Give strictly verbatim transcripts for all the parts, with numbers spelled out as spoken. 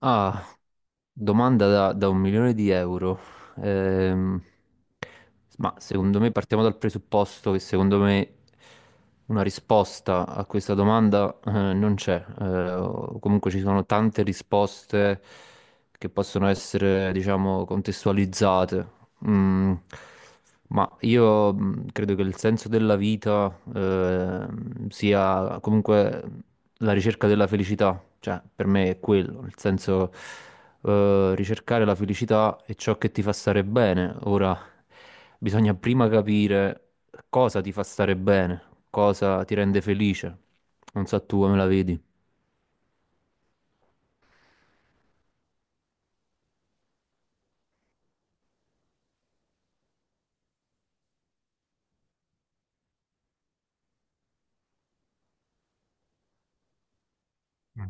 Ah, Domanda da, da un milione di euro. Ehm, ma secondo me partiamo dal presupposto che secondo me una risposta a questa domanda eh, non c'è. Eh, o comunque ci sono tante risposte che possono essere, diciamo, contestualizzate. Mm, ma io mm, credo che il senso della vita ehm, sia comunque la ricerca della felicità. Cioè, per me è quello, nel senso eh, ricercare la felicità è ciò che ti fa stare bene. Ora, bisogna prima capire cosa ti fa stare bene, cosa ti rende felice. Non so tu come la vedi. Mm.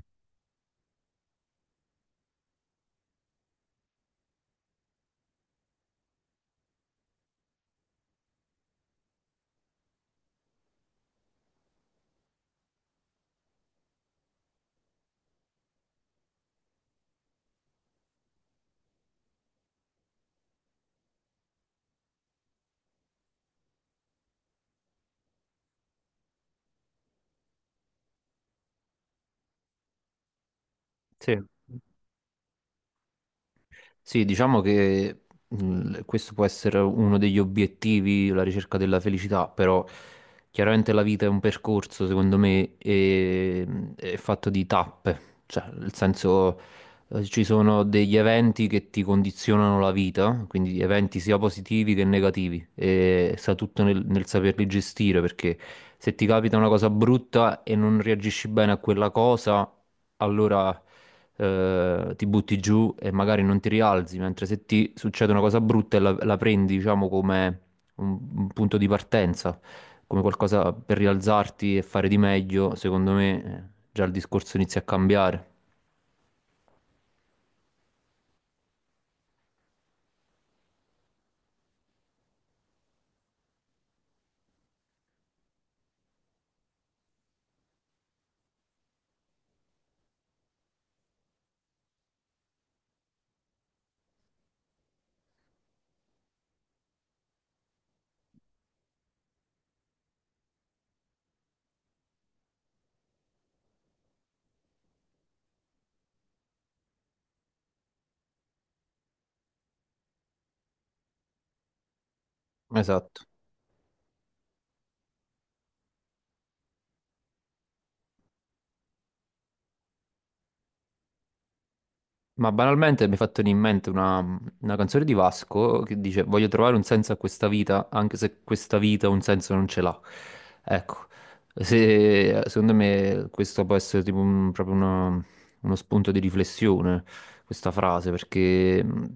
Sì. Sì, diciamo che mm, questo può essere uno degli obiettivi, la ricerca della felicità, però chiaramente la vita è un percorso, secondo me, e- mm, è fatto di tappe, cioè nel senso Eh, Ci sono degli eventi che ti condizionano la vita, quindi eventi sia positivi che negativi, e sta tutto nel, nel saperli gestire, perché se ti capita una cosa brutta e non reagisci bene a quella cosa, allora eh, ti butti giù e magari non ti rialzi, mentre se ti succede una cosa brutta e la, la prendi, diciamo, come un, un punto di partenza, come qualcosa per rialzarti e fare di meglio, secondo me eh, già il discorso inizia a cambiare. Esatto. Ma banalmente mi è fatto venire in mente una, una canzone di Vasco che dice voglio trovare un senso a questa vita, anche se questa vita un senso non ce l'ha. Ecco, se- secondo me questo può essere tipo un- proprio una- uno spunto di riflessione, questa frase, perché mh,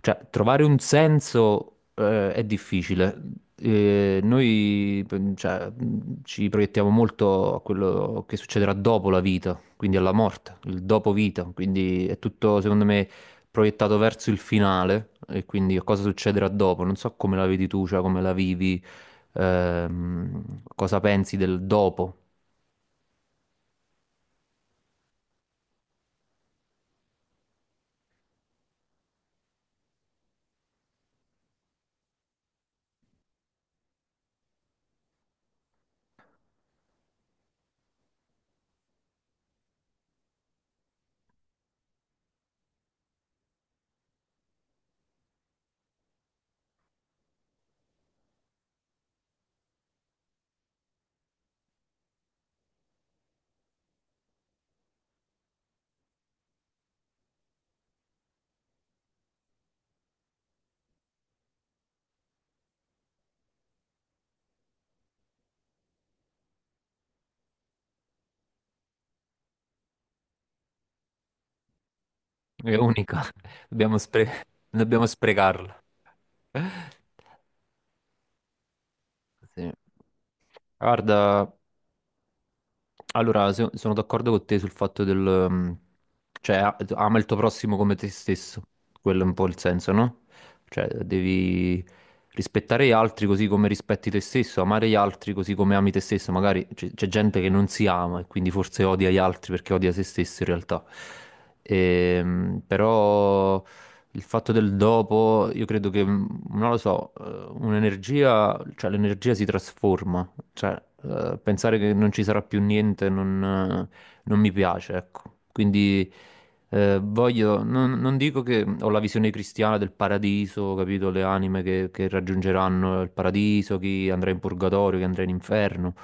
cioè, trovare un senso eh, è difficile, eh, noi p- cioè, mh, ci proiettiamo molto a quello che succederà dopo la vita, quindi alla morte, il dopo vita, quindi è tutto secondo me proiettato verso il finale e quindi a cosa succederà dopo. Non so come la vedi tu, cioè come la vivi, ehm, cosa pensi del dopo. È unica, dobbiamo, spre- dobbiamo sprecarla. Sì. Guarda. Allora, se- sono d'accordo con te sul fatto del... ehm, cioè, a- ama il tuo prossimo come te stesso. Quello è un po' il senso, no? Cioè, devi rispettare gli altri così come rispetti te stesso, amare gli altri così come ami te stesso. Magari c'è c'è gente che non si ama e quindi forse odia gli altri perché odia se stesso in realtà. Ehm, però il fatto del dopo, io credo che, mm, non lo so, eh, un'energia, cioè l'energia si trasforma. Cioè, eh, pensare che non ci sarà più niente non, eh, non mi piace, ecco. Quindi eh, voglio, non, non dico che ho la visione cristiana del paradiso, capito? Le anime che, che raggiungeranno il paradiso, chi andrà in purgatorio, chi andrà in inferno.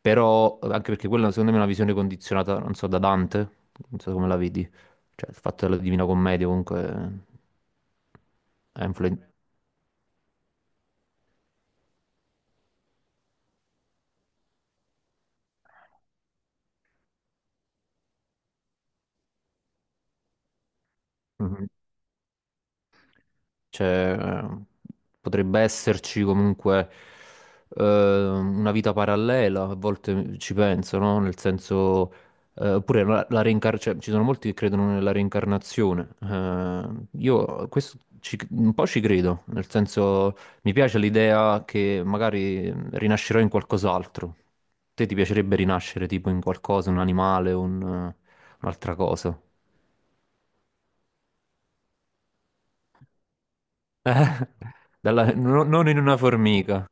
Però, anche perché quella secondo me è una visione condizionata, non so, da Dante, non so come la vedi. Cioè, il fatto della Divina Commedia comunque ha influenzato. Cioè, eh, potrebbe esserci comunque eh, una vita parallela, a volte ci penso, no? Nel senso, eh, oppure la, la reincar- cioè, ci sono molti che credono nella reincarnazione. Eh, io questo ci- un po' ci credo, nel senso, mi piace l'idea che magari rinascerò in qualcos'altro. Te ti piacerebbe rinascere tipo in qualcosa, un animale, un, eh, un'altra cosa? Dalla- no- non in una formica.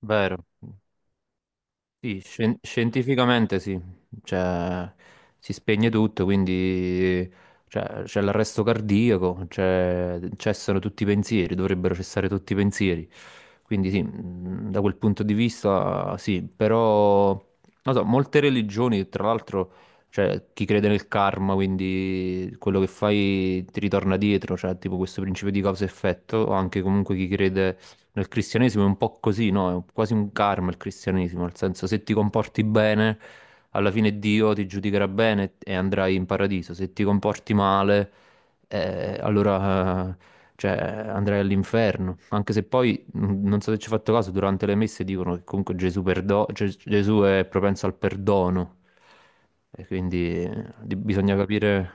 Vero, sì, scien- scientificamente sì, cioè si spegne tutto, quindi cioè, c'è l'arresto cardiaco, c'è- cessano tutti i pensieri, dovrebbero cessare tutti i pensieri, quindi sì, mh, da quel punto di vista sì, però non so, molte religioni, tra l'altro, cioè chi crede nel karma, quindi quello che fai ti ritorna dietro, cioè tipo questo principio di causa-effetto, o anche comunque chi crede nel cristianesimo è un po' così, no? È quasi un karma il cristianesimo, nel senso se ti comporti bene, alla fine Dio ti giudicherà bene e andrai in paradiso. Se ti comporti male, eh, allora, eh, cioè, andrai all'inferno. Anche se poi, mh, non so se ci hai fatto caso, durante le messe dicono che comunque Gesù, perdo- Ges- Gesù è propenso al perdono. E quindi eh, di- bisogna capire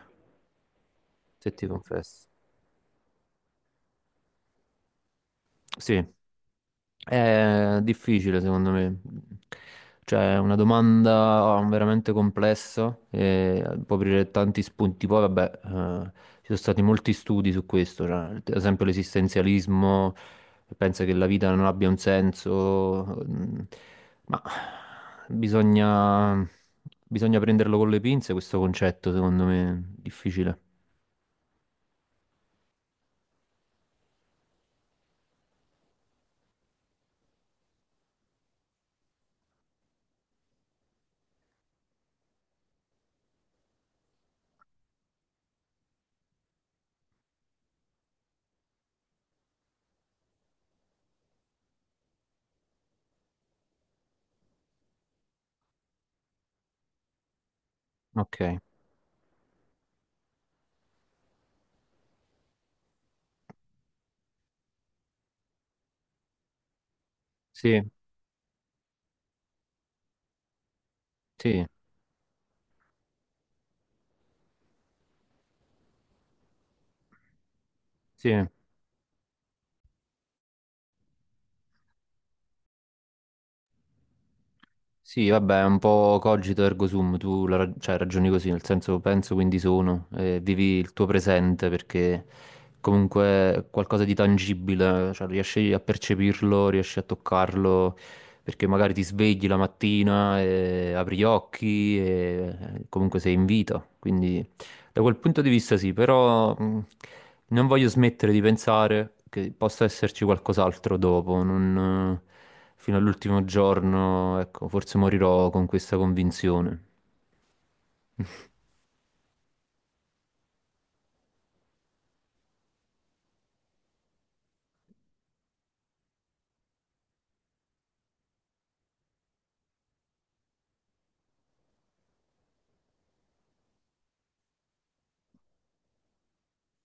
se ti confessi. Sì. È difficile secondo me, cioè è una domanda veramente complessa e può aprire tanti spunti. Poi vabbè, eh, ci sono stati molti studi su questo, cioè, ad esempio l'esistenzialismo pensa che la vita non abbia un senso, mm, ma bisogna, bisogna prenderlo con le pinze questo concetto secondo me, difficile. Ok, sì, sì, sì. Sì, vabbè, è un po' cogito ergo sum, tu la rag- cioè, ragioni così, nel senso penso quindi sono, eh, vivi il tuo presente perché comunque è qualcosa di tangibile, cioè riesci a percepirlo, riesci a toccarlo, perché magari ti svegli la mattina, e apri gli occhi e eh, comunque sei in vita, quindi da quel punto di vista sì, però mh, non voglio smettere di pensare che possa esserci qualcos'altro dopo, non fino all'ultimo giorno, ecco, forse morirò con questa convinzione.